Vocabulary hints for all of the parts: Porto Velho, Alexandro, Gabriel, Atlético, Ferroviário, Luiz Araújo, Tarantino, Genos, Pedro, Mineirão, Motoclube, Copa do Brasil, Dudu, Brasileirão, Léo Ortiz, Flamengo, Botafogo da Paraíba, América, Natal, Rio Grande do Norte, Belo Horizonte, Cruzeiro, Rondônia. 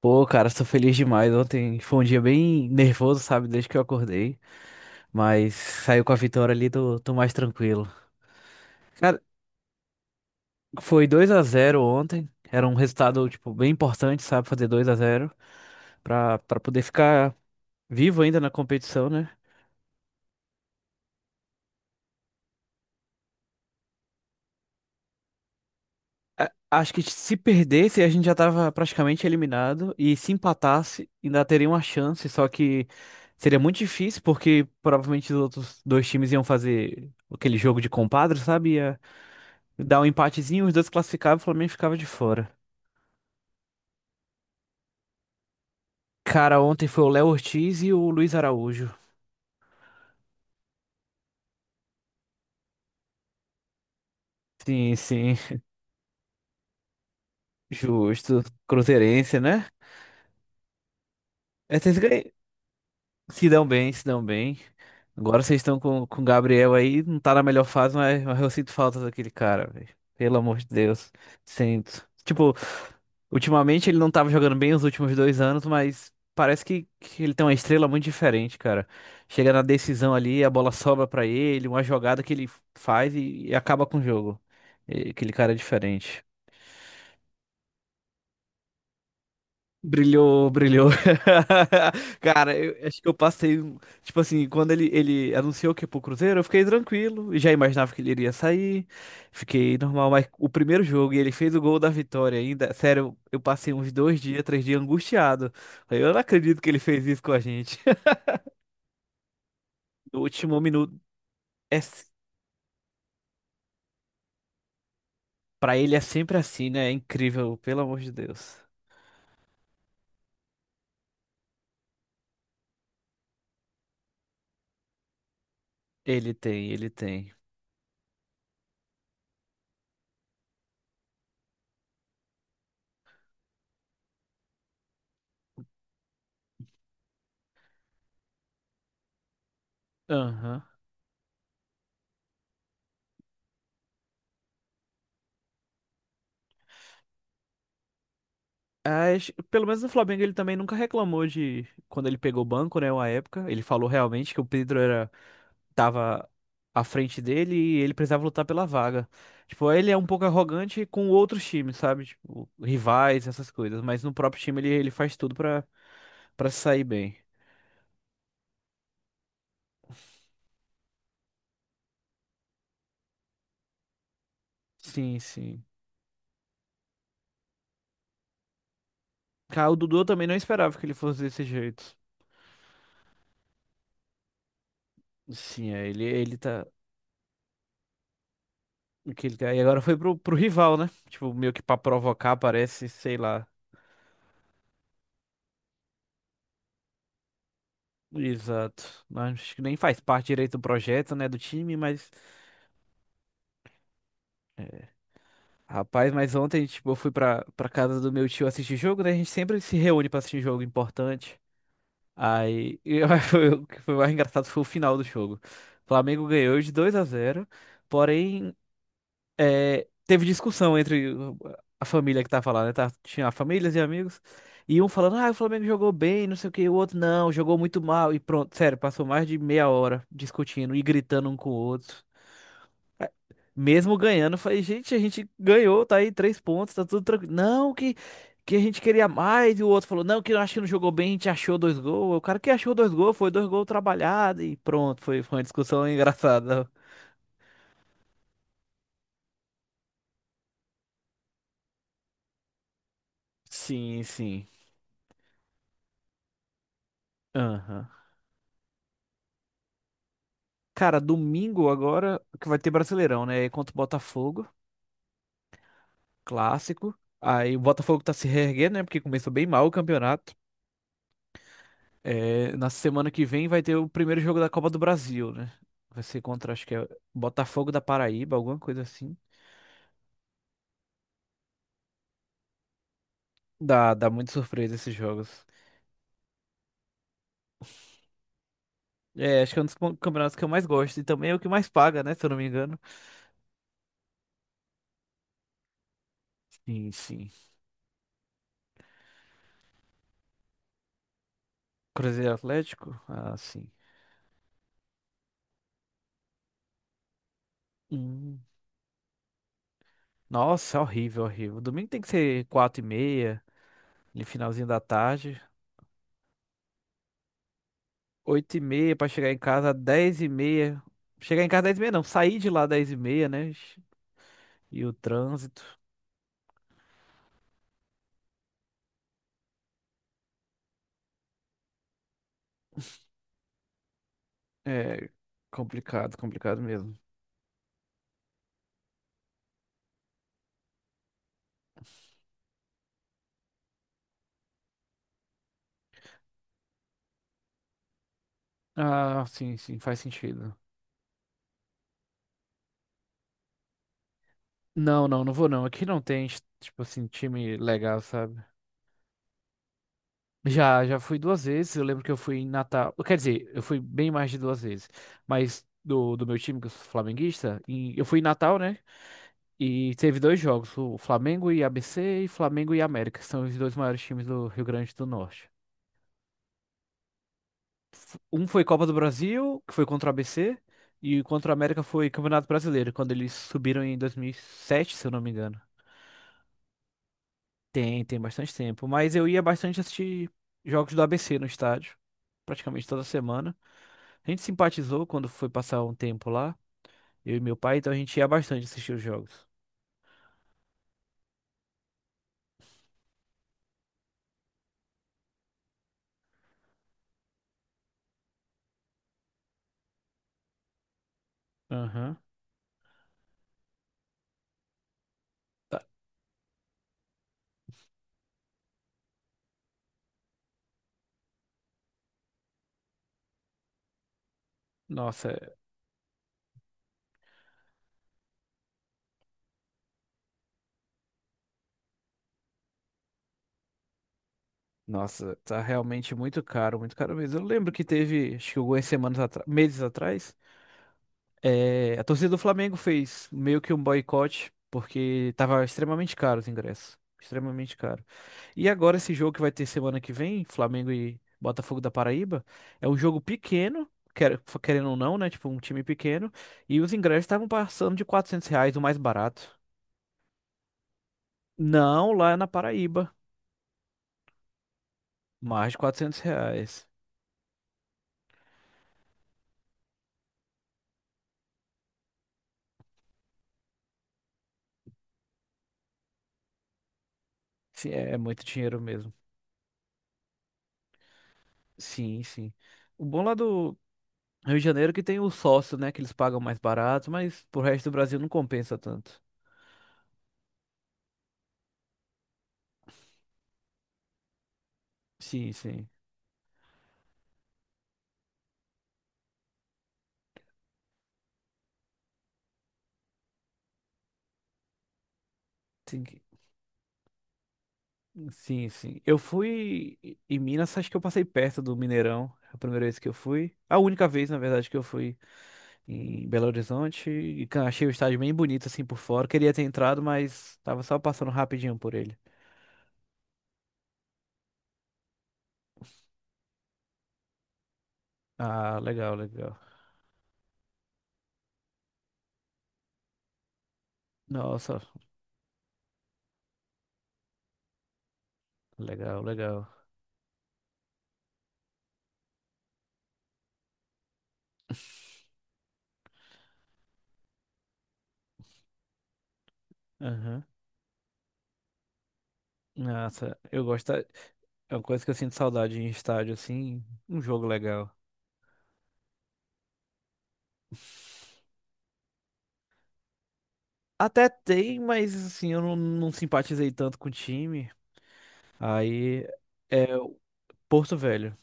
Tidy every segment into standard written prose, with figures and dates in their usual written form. Pô, cara, sou feliz demais. Ontem foi um dia bem nervoso, sabe? Desde que eu acordei. Mas saiu com a vitória ali, tô mais tranquilo. Cara, foi 2-0 ontem. Era um resultado, tipo, bem importante, sabe? Fazer 2-0 pra poder ficar vivo ainda na competição, né? Acho que se perdesse, a gente já tava praticamente eliminado. E se empatasse, ainda teria uma chance. Só que seria muito difícil, porque provavelmente os outros dois times iam fazer aquele jogo de compadre, sabe? Dá um empatezinho, os dois classificavam, o Flamengo ficava de fora. Cara, ontem foi o Léo Ortiz e o Luiz Araújo. Sim, sim, justo. Cruzeirense, né? Esses ganham. Se dão bem, se dão bem. Agora vocês estão com o Gabriel aí, não tá na melhor fase, mas eu sinto falta daquele cara, velho. Pelo amor de Deus. Sinto. Tipo, ultimamente ele não tava jogando bem os últimos 2 anos, mas parece que ele tem uma estrela muito diferente, cara. Chega na decisão ali, a bola sobra pra ele, uma jogada que ele faz e acaba com o jogo. E aquele cara é diferente. Brilhou, brilhou. Cara, eu acho que eu passei. Tipo assim, quando ele anunciou que ia pro Cruzeiro, eu fiquei tranquilo, e já imaginava que ele iria sair. Fiquei normal, mas o primeiro jogo e ele fez o gol da vitória ainda. Sério, eu passei uns 2 dias, 3 dias angustiado. Falei, eu não acredito que ele fez isso com a gente. No último minuto. É, pra ele é sempre assim, né? É incrível, pelo amor de Deus. Ele tem, ele tem. Aham. Pelo menos no Flamengo ele também nunca reclamou de quando ele pegou o banco, né, uma época. Ele falou realmente que o Pedro era tava à frente dele e ele precisava lutar pela vaga. Tipo, ele é um pouco arrogante com outros times, sabe? Tipo, rivais, essas coisas, mas no próprio time ele faz tudo pra para sair bem. Sim, sim. Cara, o Dudu eu também não esperava que ele fosse desse jeito. Sim, é, ele tá e agora foi pro rival, né? Tipo, meio que pra provocar, parece, sei lá. Exato. Acho que nem faz parte direito do projeto, né, do time, mas. é, Rapaz, mas ontem, tipo, eu fui pra casa do meu tio assistir jogo, né? A gente sempre se reúne pra assistir jogo importante. Aí, foi o que foi mais engraçado foi o final do jogo. O Flamengo ganhou de 2-0 porém, teve discussão entre a família que tava lá, né? Tá, tinha famílias e amigos. E um falando, ah, o Flamengo jogou bem, não sei o que, o outro não, jogou muito mal. E pronto, sério, passou mais de meia hora discutindo e gritando um com o outro. Mesmo ganhando, eu falei, gente, a gente ganhou, tá aí três pontos, tá tudo tranquilo. Não, que a gente queria mais. E o outro falou, não, que eu acho que não jogou bem, a gente achou dois gols. O cara que achou dois gols, foi dois gols trabalhados e pronto, foi, foi uma discussão engraçada. Sim, sim. Aham. Cara, domingo agora que vai ter Brasileirão, né? Aí contra o Botafogo, clássico. Aí o Botafogo tá se reerguendo, né? Porque começou bem mal o campeonato. É, na semana que vem vai ter o primeiro jogo da Copa do Brasil, né? Vai ser contra, acho que é Botafogo da Paraíba, alguma coisa assim. Dá muita surpresa esses jogos. É, acho que é um dos campeonatos que eu mais gosto e também é o que mais paga, né? Se eu não me engano. Sim, sim. Cruzeiro e Atlético? Ah, sim. Hum. Nossa, horrível, horrível. Domingo tem que ser 4h30, no finalzinho da tarde. 20h30 pra chegar em casa, 22h30. Chegar em casa dez e meia não, sair de lá 22h30, né? E o trânsito. É complicado, complicado mesmo. Ah, sim, sim, faz sentido. Não, não, não vou não. Aqui não tem, tipo assim, time legal, sabe? Já, já fui duas vezes. Eu lembro que eu fui em Natal. Quer dizer, eu fui bem mais de duas vezes. Mas do meu time, que eu sou flamenguista, eu fui em Natal, né? E teve dois jogos, o Flamengo e ABC e Flamengo e América, que são os dois maiores times do Rio Grande do Norte. Um foi Copa do Brasil, que foi contra o ABC, e contra o América foi Campeonato Brasileiro, quando eles subiram em 2007, se eu não me engano. Tem, tem bastante tempo. Mas eu ia bastante assistir jogos do ABC no estádio, praticamente toda semana. A gente simpatizou quando foi passar um tempo lá, eu e meu pai, então a gente ia bastante assistir os jogos. Aham. Tá- Nossa, nossa, tá realmente muito caro mesmo. Eu lembro que teve, acho que algumas semanas atrás, meses atrás, é, a torcida do Flamengo fez meio que um boicote, porque tava extremamente caro os ingressos. Extremamente caro. E agora esse jogo que vai ter semana que vem, Flamengo e Botafogo da Paraíba, é um jogo pequeno, querendo ou não, né? Tipo, um time pequeno. E os ingressos estavam passando de R$ 400, o mais barato. Não, lá na Paraíba, mais de R$ 400. Sim, é, é muito dinheiro mesmo. Sim, sim. O bom lá do Rio de Janeiro que tem o sócio, né? Que eles pagam mais barato, mas pro resto do Brasil não compensa tanto. Sim, sim. Tem que- Sim, sim. Eu fui em Minas, acho que eu passei perto do Mineirão. A primeira vez que eu fui. A única vez, na verdade, que eu fui em Belo Horizonte. E achei o estádio bem bonito, assim, por fora. Queria ter entrado, mas tava só passando rapidinho por ele. Ah, legal, legal. Nossa, legal, legal. Aham. Nossa, eu gosto. É uma coisa que eu sinto saudade em estádio, assim. Um jogo legal. Até tem, mas assim, eu não, não simpatizei tanto com o time. Aí é o Porto Velho,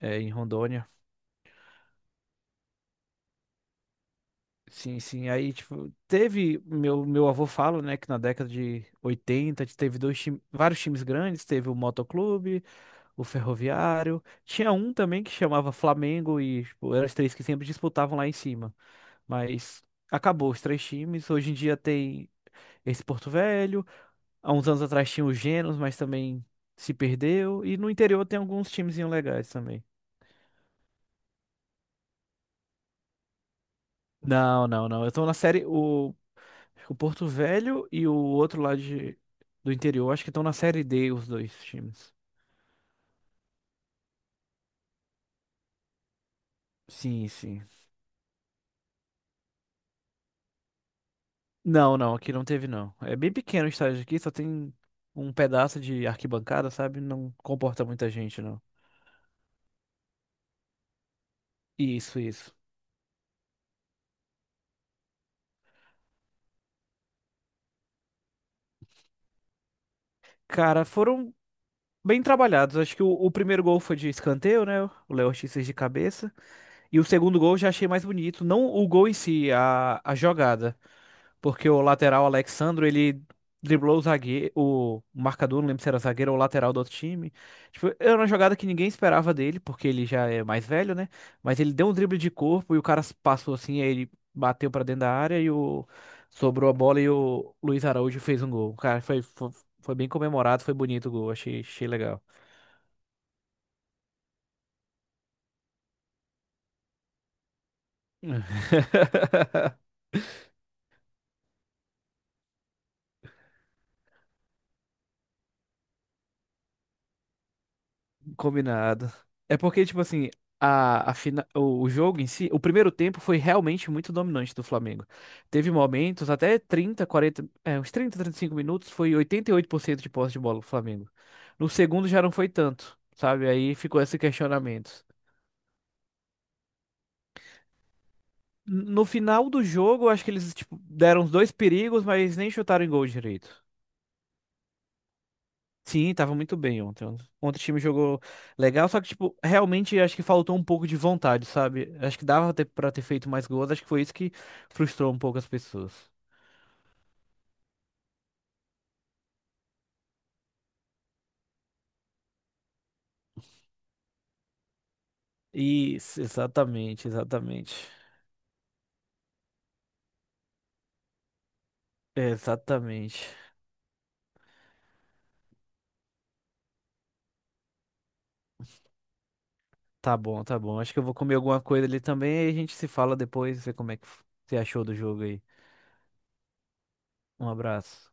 é em Rondônia. Sim, sim. Aí, tipo, teve. Meu avô fala, né, que na década de 80 teve dois time, vários times grandes. Teve o Motoclube, o Ferroviário. Tinha um também que chamava Flamengo e, tipo, eram os três que sempre disputavam lá em cima. Mas acabou os três times. Hoje em dia tem esse Porto Velho. Há uns anos atrás tinha o Genos, mas também se perdeu. E no interior tem alguns timezinhos legais também. Não, não, não. Eu tô na série. O Porto Velho e o outro lá do interior, acho que estão na série D, os dois times. Sim, sim. Não, não, aqui não teve, não. É bem pequeno o estádio aqui, só tem um pedaço de arquibancada, sabe? Não comporta muita gente, não. Isso, isso. Cara, foram bem trabalhados. Acho que o primeiro gol foi de escanteio, né? O Léo Ortiz fez de cabeça. E o segundo gol eu já achei mais bonito. Não o gol em si, a jogada. Porque o lateral Alexandro, ele driblou o zagueiro, o marcador, não lembro se era zagueiro ou lateral do outro time. Tipo, era uma jogada que ninguém esperava dele, porque ele já é mais velho, né? Mas ele deu um drible de corpo e o cara passou assim, aí ele bateu pra dentro da área e o sobrou a bola e o Luiz Araújo fez um gol. Cara, foi bem comemorado, foi bonito o gol, achei, achei legal. Combinado. É porque, tipo assim, o jogo em si, o primeiro tempo foi realmente muito dominante do Flamengo. Teve momentos, até 30, 40, uns 35 minutos, foi 88% de posse de bola do Flamengo. No segundo já não foi tanto, sabe? Aí ficou esse questionamento. No final do jogo, eu acho que eles, tipo, deram os dois perigos, mas nem chutaram em gol direito. Sim, tava muito bem ontem. Ontem o time jogou legal, só que, tipo, realmente acho que faltou um pouco de vontade, sabe? Acho que dava ter, pra ter feito mais gols, acho que foi isso que frustrou um pouco as pessoas. Isso, exatamente, exatamente. Exatamente. Tá bom, tá bom. Acho que eu vou comer alguma coisa ali também e a gente se fala depois, ver como é que você achou do jogo aí. Um abraço.